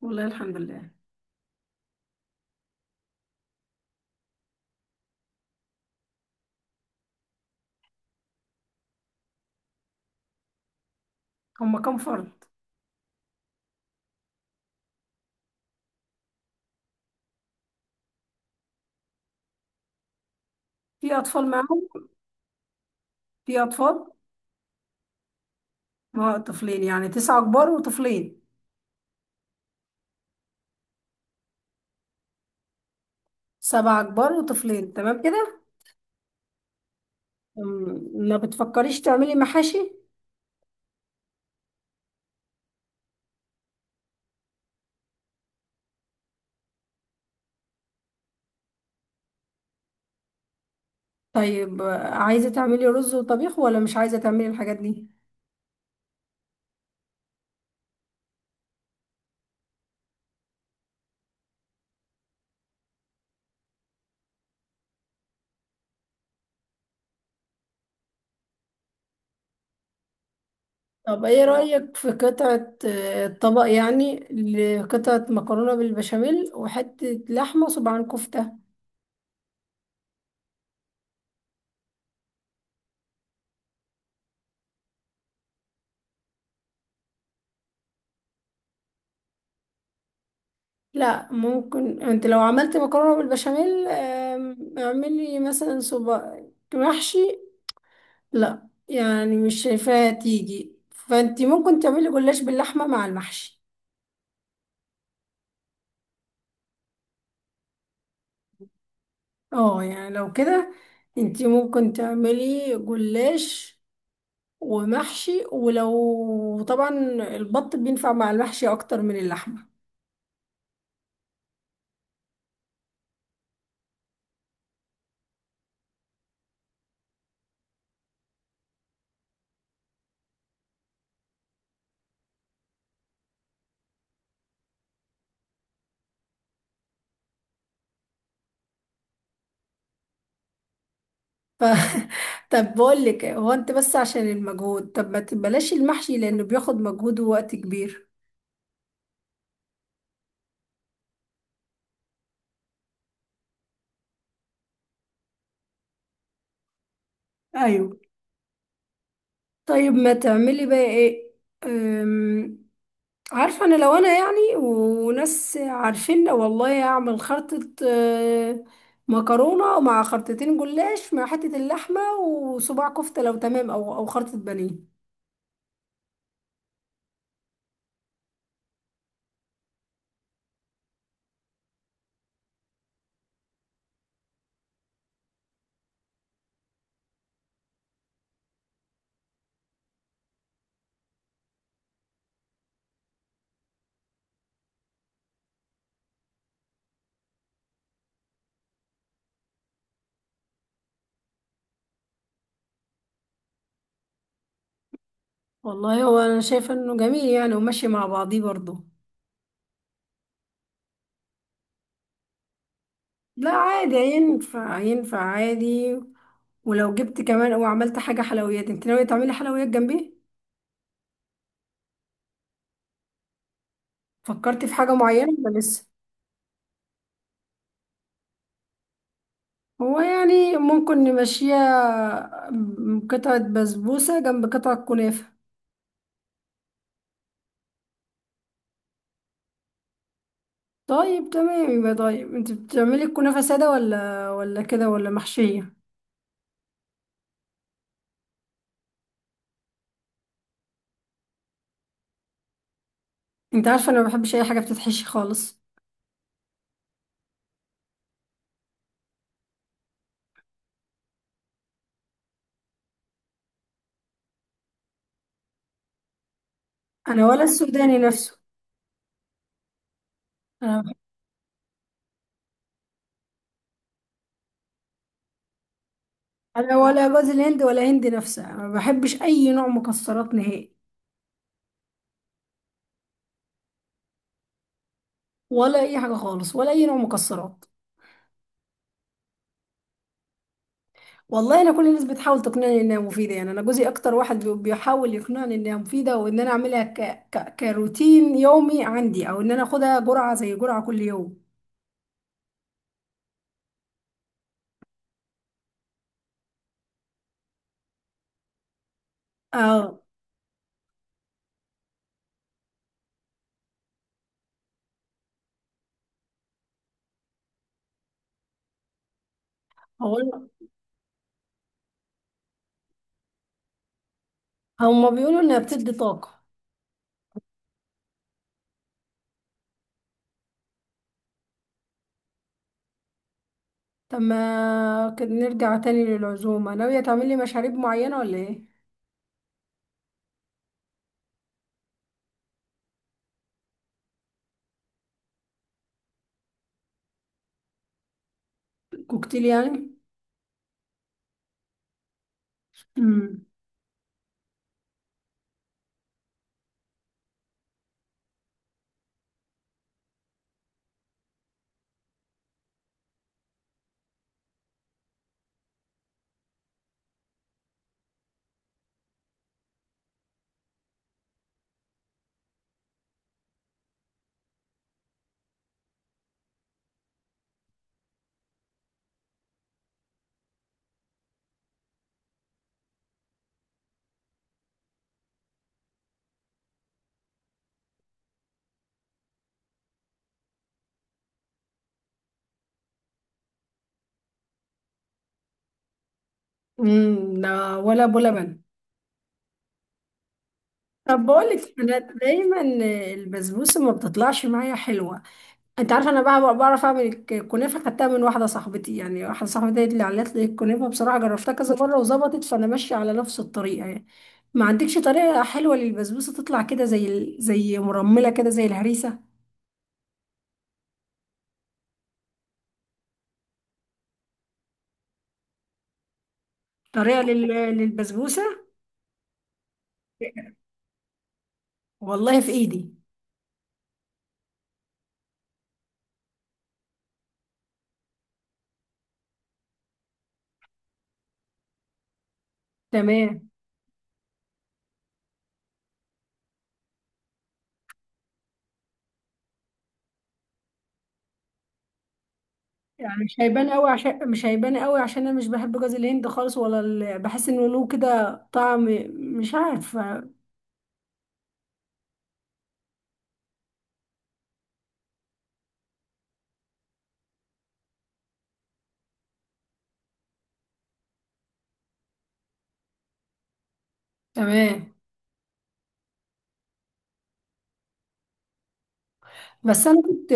والله الحمد لله. هم كم فرد؟ في اطفال معاهم؟ في اطفال؟ ما هو طفلين يعني تسعة كبار وطفلين. سبعة كبار وطفلين، تمام كده. ما بتفكريش تعملي محاشي؟ طيب عايزة تعملي رز وطبيخ ولا مش عايزة تعملي الحاجات دي؟ طب ايه رأيك في قطعة طبق يعني، لقطعة مكرونة بالبشاميل وحتة لحمة وصباعين كفتة. لا، ممكن انت لو عملت مكرونة بالبشاميل اعملي مثلا صباع محشي. لا يعني مش شايفاها تيجي، فانت ممكن تعملي جلاش باللحمه مع المحشي. اه يعني لو كده انت ممكن تعملي جلاش ومحشي، ولو طبعا البط بينفع مع المحشي اكتر من اللحمه. ف... طب بقول لك، هو انت بس عشان المجهود، طب ما تبلاش المحشي لانه بياخد مجهود ووقت كبير. ايوه. طيب ما تعملي بقى ايه؟ عارفة أنا لو أنا يعني وناس عارفين، والله أعمل خرطة، مكرونة مع خرطتين جلاش مع حتة اللحمة وصباع كفتة لو تمام، أو خرطة بانيه. والله هو أنا شايفة إنه جميل يعني وماشي مع بعضيه برضه. لا عادي، هينفع هينفع عادي. ولو جبت كمان وعملت حاجة حلويات، انت ناوية تعملي حلويات جنبيه؟ فكرتي في حاجة معينة ولا لسه؟ هو يعني ممكن نمشيها، قطعة بسبوسة جنب قطعة كنافة. طيب تمام، يبقى طيب انت بتعملي الكنافة سادة ولا كده ولا محشية؟ انت عارفة انا ما بحبش اي حاجة بتتحشي خالص. انا ولا السوداني نفسه. انا انا ولا جوز الهند ولا هند نفسها، انا ما بحبش اي نوع مكسرات نهائي. ولا اي حاجة خالص، ولا اي نوع مكسرات. والله انا كل الناس بتحاول تقنعني انها مفيدة، يعني انا جوزي اكتر واحد بيحاول يقنعني انها مفيدة وان انا اعملها كروتين يومي عندي، او ان انا اخدها جرعة زي جرعة كل يوم. اه. هو هما بيقولوا انها بتدي طاقة. طب ما كده نرجع تاني للعزومة، ناوية تعملي مشاريب معينة ولا ايه؟ كوكتيل يعني؟ امم. امم، ده ولا ابو لبن؟ طب بقولك انا دايما البسبوسة ما بتطلعش معايا حلوة. انت عارفة انا بقى بعرف اعمل الكنافة، خدتها من واحدة صاحبتي، يعني واحدة صاحبتي هي اللي علت لي الكنافة، بصراحة جربتها كذا مرة وظبطت فانا ماشية على نفس الطريقة يعني. ما عندكش طريقة حلوة للبسبوسة تطلع كده زي زي مرملة كده زي الهريسة؟ طريقة لل- للبسبوسة. والله في ايدي. تمام. يعني مش هيبان قوي؟ عشان مش هيبان قوي عشان انا مش بحب جوز الهند خالص، ولا بحس انه له كده طعم، مش عارفه. تمام. بس انا كنت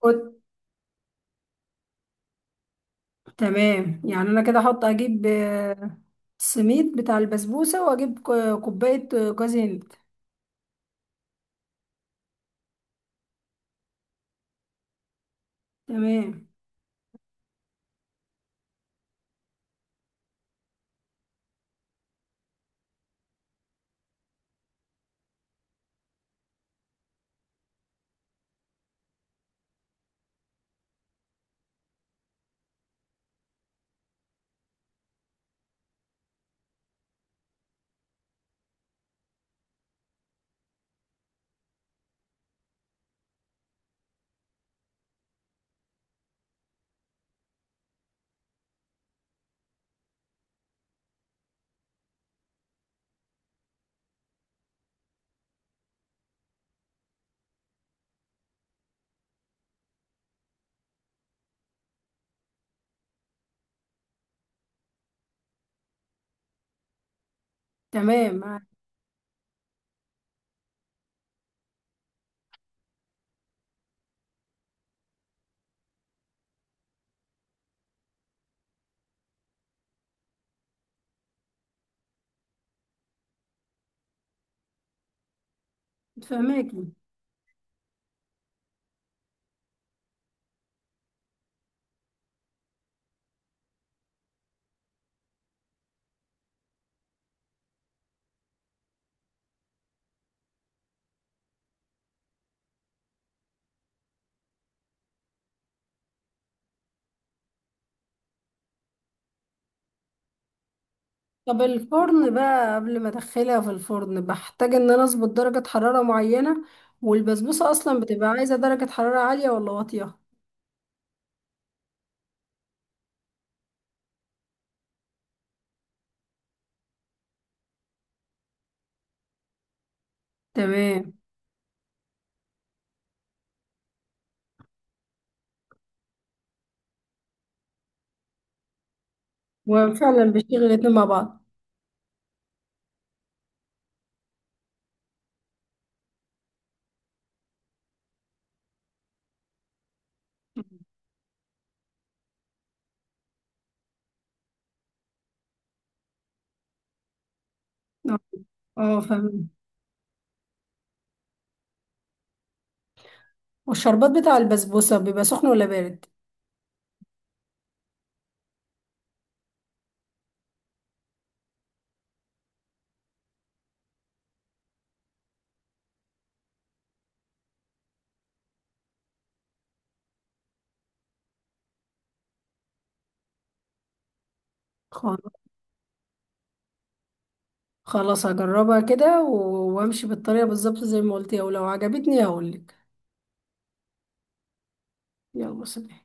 كنت تمام، يعني انا كده احط، اجيب السميد بتاع البسبوسه واجيب كوبايه جوز هند. تمام. تمام. فهماك. طب الفرن بقى، قبل ما ادخلها في الفرن بحتاج ان انا اظبط درجة حرارة معينة؟ والبسبوسة اصلا بتبقى عايزة درجة حرارة عالية ولا واطية؟ تمام. وفعلا بيشتغل الاتنين مع بعض. اه. فاهم. والشربات بتاع البسبوسة بيبقى سخن ولا بارد؟ خلاص. خلاص هجربها كده وامشي بالطريقة بالظبط زي ما قلتي، ولو عجبتني هقولك. يلا سلام.